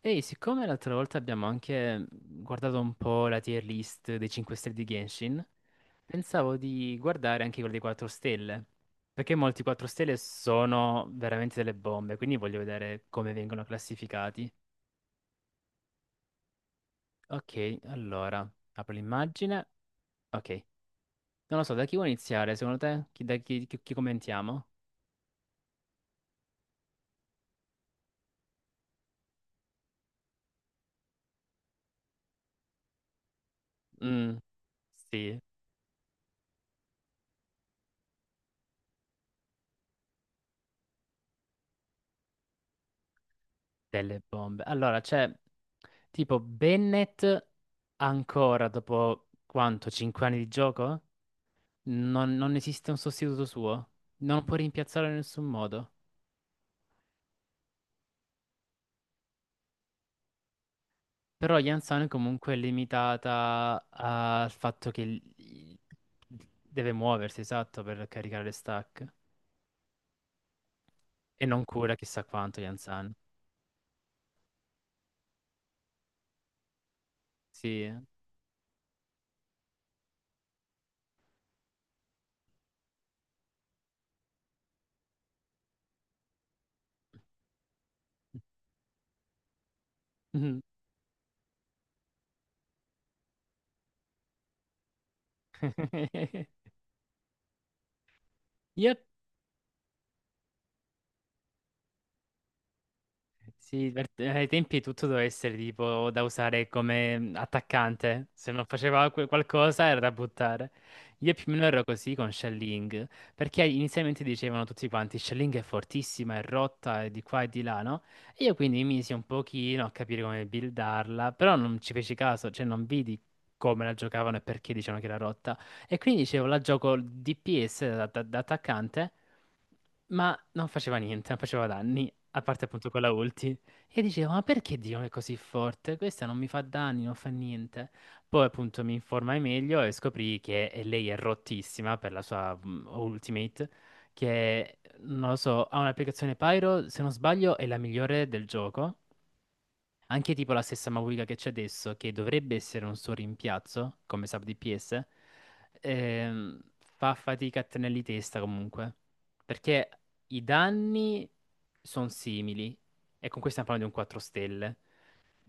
Ehi, siccome l'altra volta abbiamo anche guardato un po' la tier list dei 5 stelle di Genshin, pensavo di guardare anche quella dei 4 stelle, perché molti 4 stelle sono veramente delle bombe, quindi voglio vedere come vengono classificati. Ok, allora, apro l'immagine. Ok, non lo so, da chi vuoi iniziare, secondo te? Chi, da chi, chi commentiamo? Mm, sì. Delle bombe. Allora, c'è tipo Bennett ancora dopo quanto? 5 anni di gioco? Non esiste un sostituto suo. Non lo può rimpiazzarlo in nessun modo. Però Jansson comunque è limitata al fatto che deve muoversi, esatto, per caricare le stack. E non cura chissà quanto Jansson. Sì. eh. Yep. Sì, ai tempi tutto doveva essere tipo da usare come attaccante. Se non faceva qualcosa era da buttare. Io più o meno ero così con Shelling, perché inizialmente dicevano tutti quanti Shelling è fortissima, è rotta, è di qua e di là, no? E io quindi mi misi un pochino a capire come buildarla, però non ci feci caso, cioè non vidi come la giocavano e perché dicevano che era rotta. E quindi dicevo la gioco DPS da attaccante. Ma non faceva niente, non faceva danni. A parte appunto quella ulti. E dicevo, ma perché Dio è così forte? Questa non mi fa danni, non fa niente. Poi appunto mi informai meglio e scoprì che lei è rottissima per la sua ultimate, che non lo so, ha un'applicazione Pyro, se non sbaglio è la migliore del gioco. Anche tipo la stessa Mavuiga che c'è adesso, che dovrebbe essere un suo rimpiazzo, come sub DPS, ehm, fa fatica a tenerli testa comunque. Perché i danni sono simili, e con questo stiamo parlando di un 4 stelle.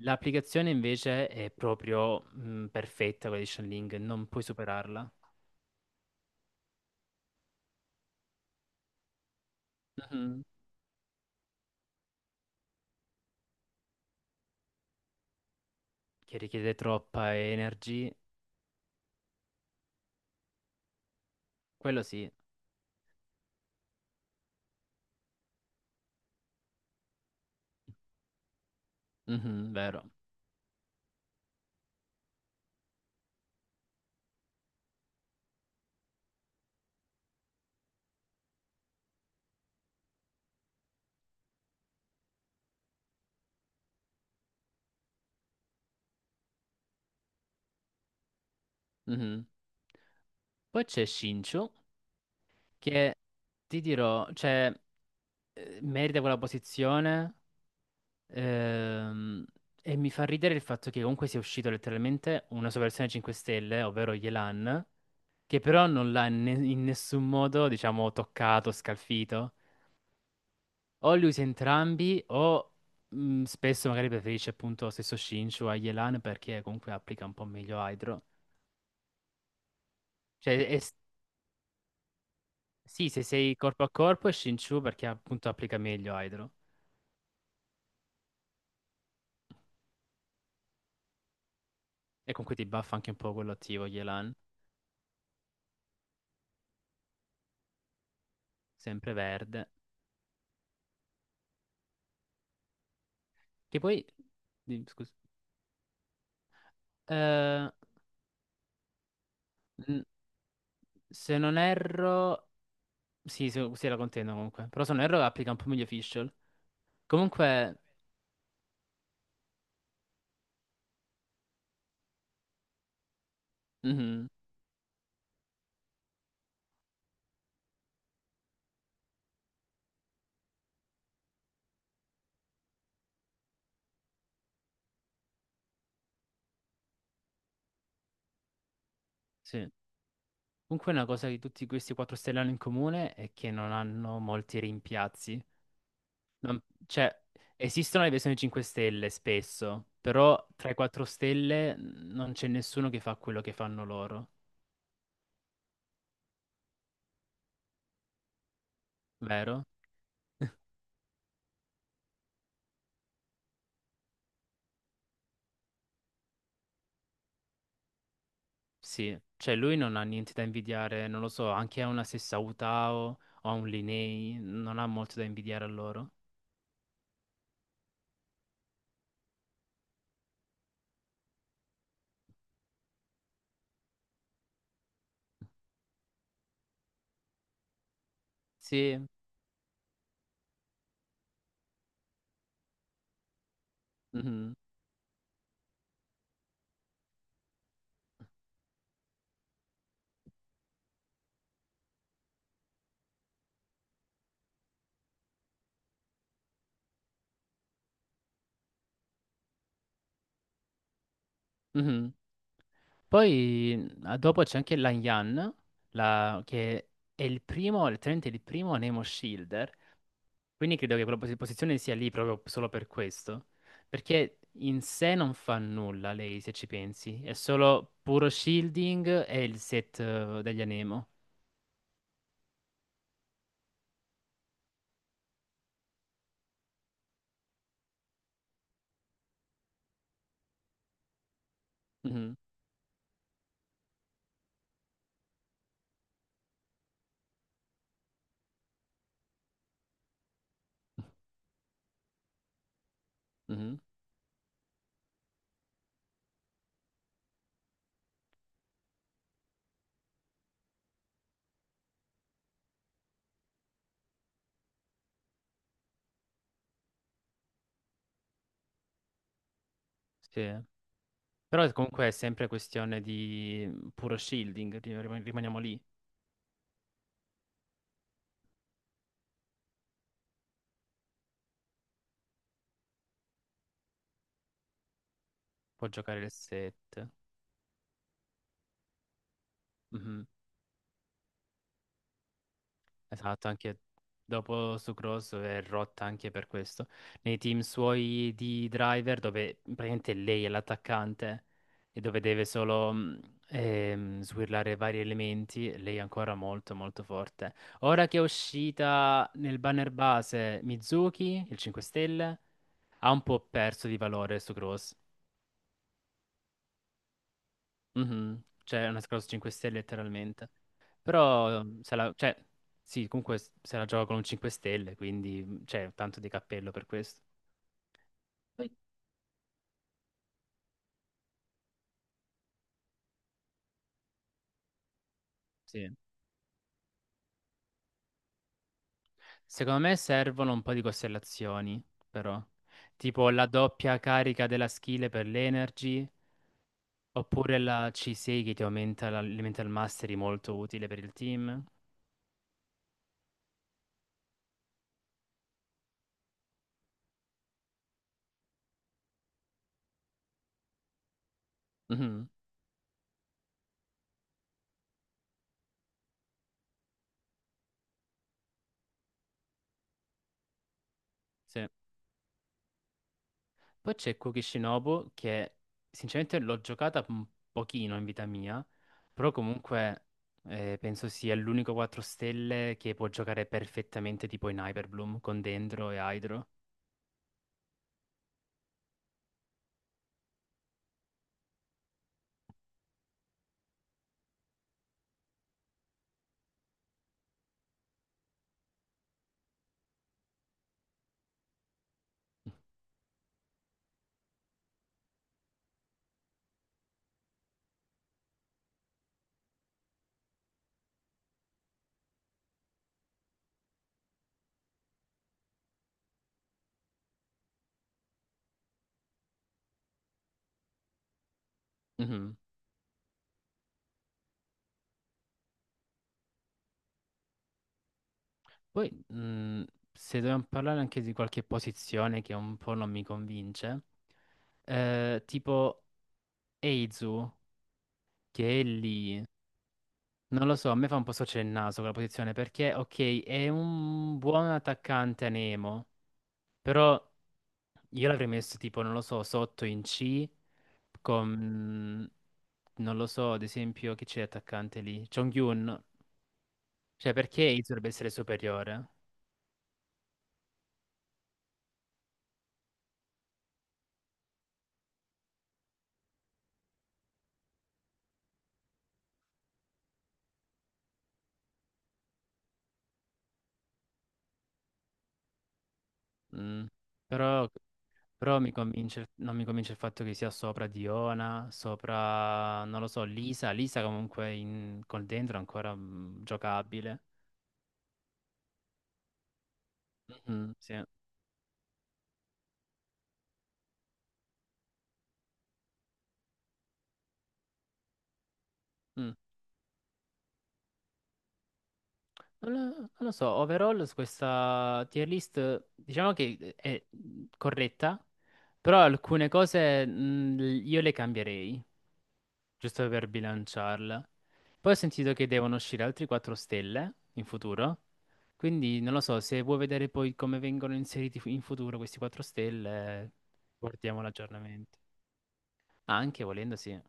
L'applicazione invece è proprio perfetta, quella di Shenling, non puoi superarla. Mhm. Che richiede troppa energy, quello sì. Mhm, vero. Mhm. Poi c'è Shincho. Che ti dirò, cioè, merita quella posizione, ehm, e mi fa ridere il fatto che comunque sia uscito letteralmente una sua versione 5 Stelle, ovvero Yelan, che però non l'ha in nessun modo, diciamo, toccato, scalfito. O li usa entrambi o spesso magari preferisce appunto lo stesso Shinchu a Yelan perché comunque applica un po' meglio Hydro. Cioè, sì, se sei corpo a corpo è Shinchu perché appunto applica meglio Hydro. E comunque ti buffa anche un po' quello attivo, Yelan, sempre verde. Che poi, scusa, Eh, n- se non erro, sì, se, sì, la contendo comunque, però se non erro applica un po' meglio Fischl. Comunque, mhm, sì. Comunque una cosa di tutti questi quattro stelle hanno in comune è che non hanno molti rimpiazzi. Cioè, esistono le versioni 5 stelle spesso, però tra i 4 stelle non c'è nessuno che fa quello che fanno loro, vero? Sì, cioè lui non ha niente da invidiare, non lo so, anche a una stessa Utao o a un Linei, non ha molto da invidiare a loro. Sì, mhm, mhm. Poi dopo c'è anche Lan Yan, che è il primo, letteralmente il primo Nemo Shielder, quindi credo che quella posizione sia lì proprio solo per questo, perché in sé non fa nulla lei, se ci pensi, è solo puro shielding e il set, degli Anemo. Mhm, mhm. Sì. Però comunque è sempre questione di puro shielding, rimaniamo lì, può giocare il set. Mhm. Esatto, anche dopo su Cross è rotta anche per questo. Nei team suoi di driver, dove praticamente lei è l'attaccante e dove deve solo swirlare vari elementi, lei è ancora molto molto forte. Ora che è uscita nel banner base Mizuki, il 5 stelle, ha un po' perso di valore su Cross. Mhm. Cioè, è una scorsa 5 stelle letteralmente. Però, se la, cioè, sì, comunque se la gioca con un 5 stelle, quindi c'è tanto di cappello per questo. Poi, sì. Secondo me servono un po' di costellazioni, però. Tipo la doppia carica della skill per l'energy, oppure la C6 che ti aumenta l'elemental mastery molto utile per il team. Mhm. Sì. Poi c'è Kukishinobu che sinceramente l'ho giocata un pochino in vita mia, però comunque penso sia l'unico 4 stelle che può giocare perfettamente tipo in Hyperbloom con Dendro e Hydro. Mhm. Poi se dobbiamo parlare anche di qualche posizione che un po' non mi convince, tipo Eizu, che è lì, non lo so, a me fa un po' storcere il naso quella posizione perché ok è un buon attaccante a Nemo, però... Io l'avrei messo tipo, non lo so, sotto in C con, non lo so, ad esempio, chi c'è attaccante lì? Jong-un. Cioè, perché Ace dovrebbe essere superiore? Mm. Però, però mi convince, non mi convince il fatto che sia sopra Diona, sopra, non lo so, Lisa. Lisa comunque con dentro è ancora giocabile. Mm, sì. Mm. Non lo so, overall su questa tier list diciamo che è corretta, però alcune cose, io le cambierei, giusto per bilanciarla. Poi ho sentito che devono uscire altri 4 stelle in futuro, quindi non lo so, se vuoi vedere poi come vengono inseriti in futuro questi 4 stelle, guardiamo l'aggiornamento. Ah, anche volendo, sì.